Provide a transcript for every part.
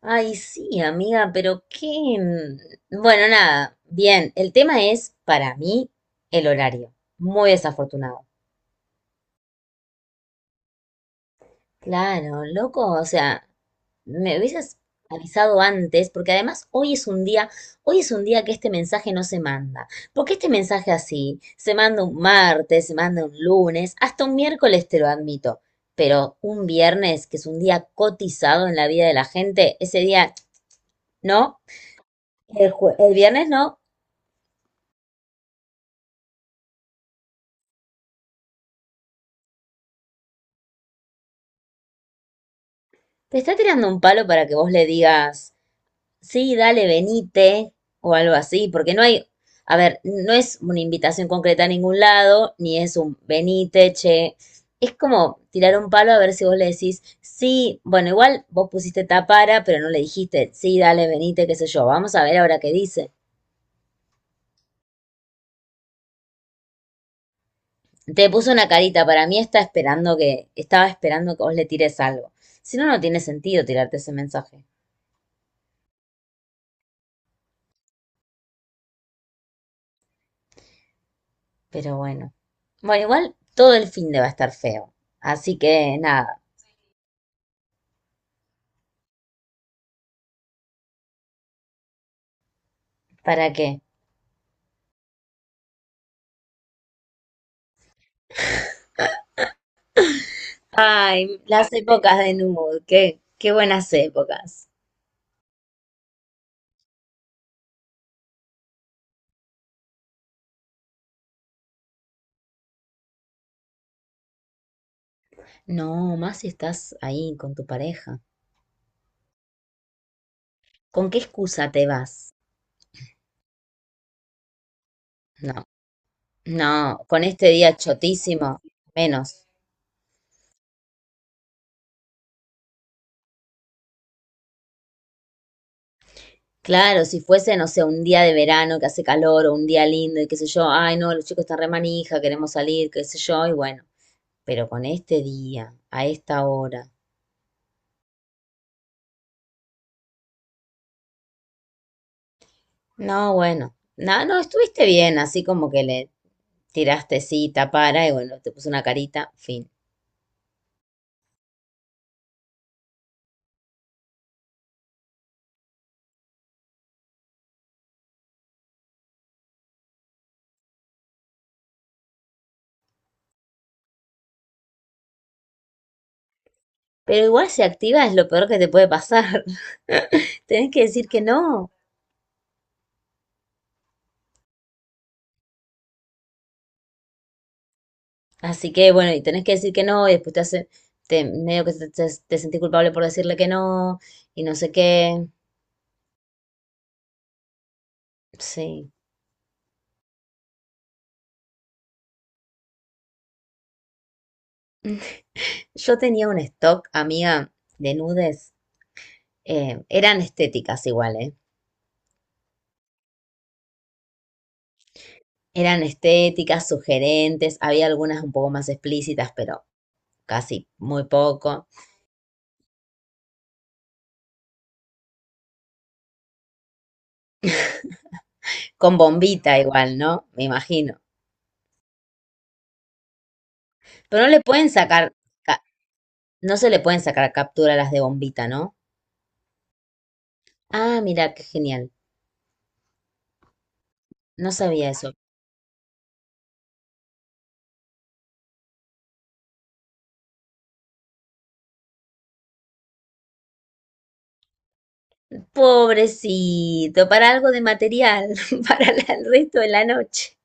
Ay, sí, amiga, pero qué... bueno, nada, bien, el tema es, para mí, el horario. Muy desafortunado. Claro, loco, o sea, me hubieses avisado antes, porque además hoy es un día, hoy es un día que este mensaje no se manda. Porque este mensaje así, se manda un martes, se manda un lunes, hasta un miércoles te lo admito, pero un viernes, que es un día cotizado en la vida de la gente, ese día no. El viernes no. Te está tirando un palo para que vos le digas, sí, dale, venite, o algo así, porque no hay, a ver, no es una invitación concreta a ningún lado, ni es un venite, che. Es como tirar un palo a ver si vos le decís, sí, bueno, igual vos pusiste tapara, pero no le dijiste, sí, dale, venite, qué sé yo, vamos a ver ahora qué dice. Te puso una carita, para mí está esperando que, estaba esperando que vos le tires algo. Si no, no tiene sentido tirarte ese mensaje. Pero bueno. Bueno, igual todo el fin de va a estar feo. Así que nada, ¿para qué? Ay, las épocas de Nude, qué, qué buenas épocas. No, más si estás ahí con tu pareja. ¿Con qué excusa te vas? No, no, con este día chotísimo, menos. Claro, si fuese, no sé, un día de verano que hace calor o un día lindo y qué sé yo, ay no, los chicos están re manija, queremos salir, qué sé yo, y bueno, pero con este día, a esta hora. No, bueno, nada, no, estuviste bien, así como que le tiraste cita para y bueno, te puso una carita, fin. Pero igual si activa es lo peor que te puede pasar. Tenés que decir que no. Así que bueno, y tenés que decir que no, y después te hace, te, medio que te, te sentís culpable por decirle que no, y no sé qué. Sí. Yo tenía un stock, amiga, de nudes. Eran estéticas igual, ¿eh? Eran estéticas, sugerentes, había algunas un poco más explícitas, pero casi muy poco, con bombita igual, ¿no? Me imagino. Pero no le pueden sacar, ca- no se le pueden sacar captura a las de bombita, ¿no? Ah, mira, qué genial. No sabía eso. Pobrecito, para algo de material, para el resto de la noche.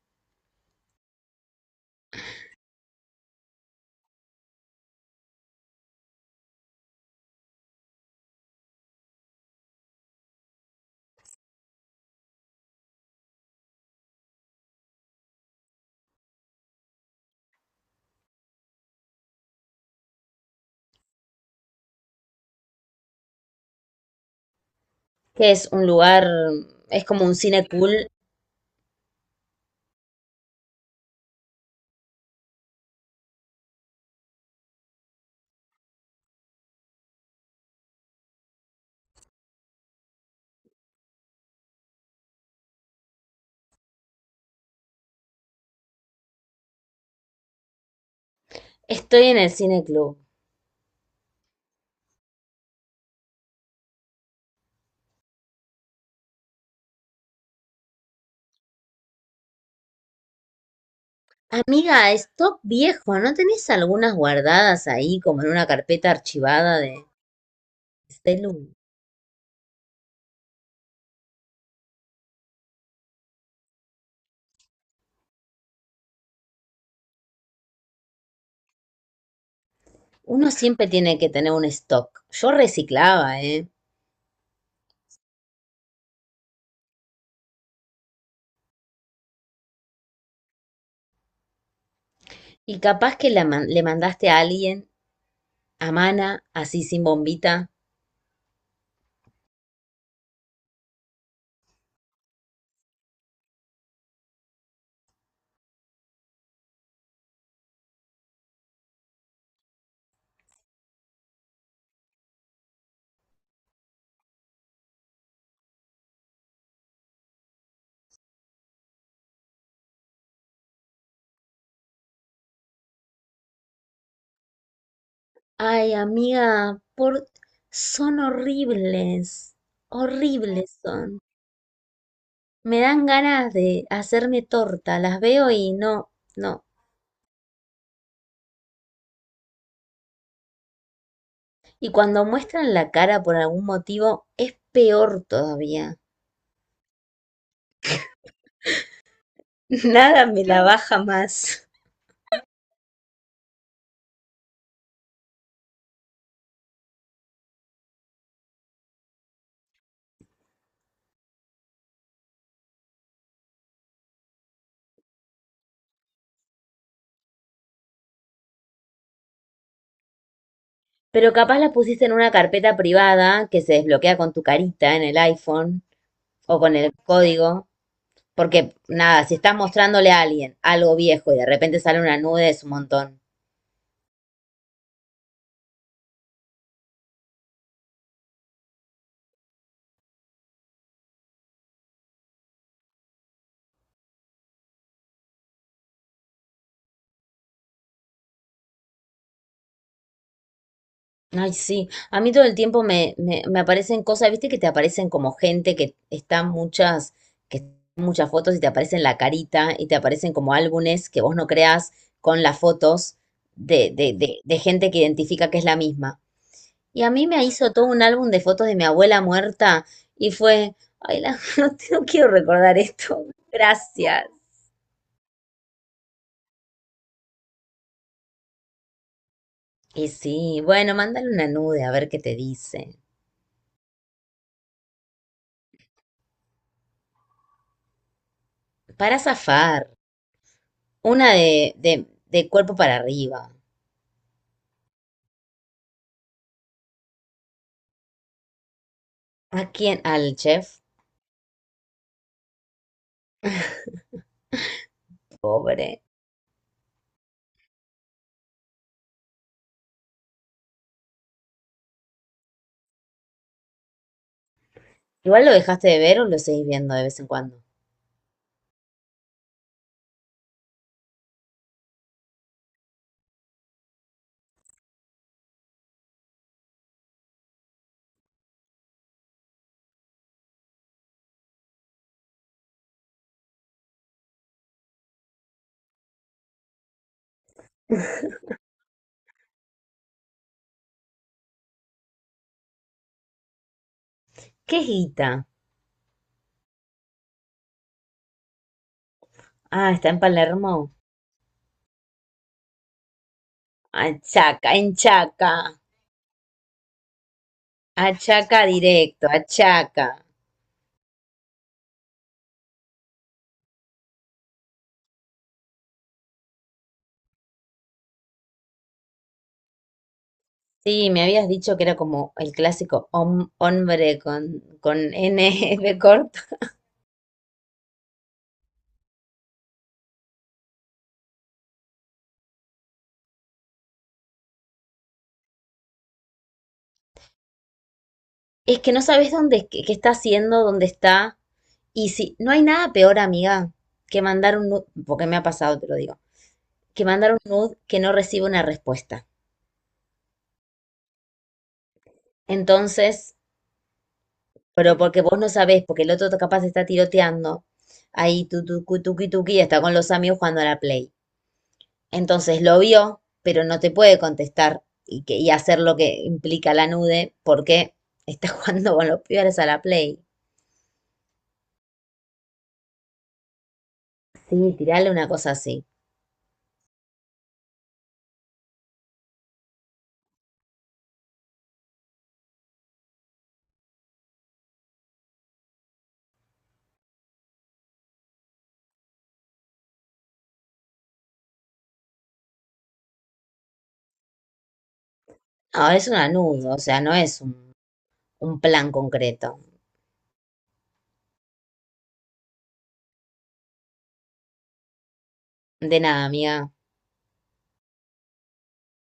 Que es un lugar, es como un cine cool. Estoy en el cine club. Amiga, stock viejo, ¿no tenés algunas guardadas ahí como en una carpeta archivada de celu? Uno siempre tiene que tener un stock. Yo reciclaba, ¿eh? Y capaz que le mandaste a alguien, a Mana, así sin bombita. Ay, amiga, por... son horribles. Horribles son. Me dan ganas de hacerme torta. Las veo y no, no. Y cuando muestran la cara por algún motivo, es peor todavía. Nada me la baja más. Pero capaz la pusiste en una carpeta privada que se desbloquea con tu carita en el iPhone, o con el código, porque nada, si estás mostrándole a alguien algo viejo y de repente sale una nube es un montón. Ay, sí, a mí todo el tiempo me aparecen cosas, viste que te aparecen como gente que está muchas, que están muchas fotos y te aparecen la carita y te aparecen como álbumes que vos no creas con las fotos de gente que identifica que es la misma. Y a mí me hizo todo un álbum de fotos de mi abuela muerta y fue, ay, no, no quiero recordar esto, gracias. Y sí, bueno, mándale una nude a ver qué te dice. Para zafar, una de cuerpo para arriba. ¿A quién? Al chef, pobre. Igual lo dejaste de ver o lo seguís viendo de vez en cuando. ¿Qué es Guita? Ah, está en Palermo. Achaca, en Chaca. Achaca directo, achaca. Sí, me habías dicho que era como el clásico hombre con N de corto. Es que no sabes dónde, qué, qué está haciendo, dónde está. Y si no hay nada peor, amiga, que mandar un nude, porque me ha pasado, te lo digo, que mandar un nude que no recibe una respuesta. Entonces, pero porque vos no sabés, porque el otro capaz está tiroteando, ahí tu tuqui tuqui tuqui, está con los amigos jugando a la Play. Entonces lo vio, pero no te puede contestar y, que, y hacer lo que implica la nude, porque está jugando con los pibes a la Play. Sí, tirarle una cosa así. Ahora es una nude, o sea, no es un plan concreto. De nada, amiga.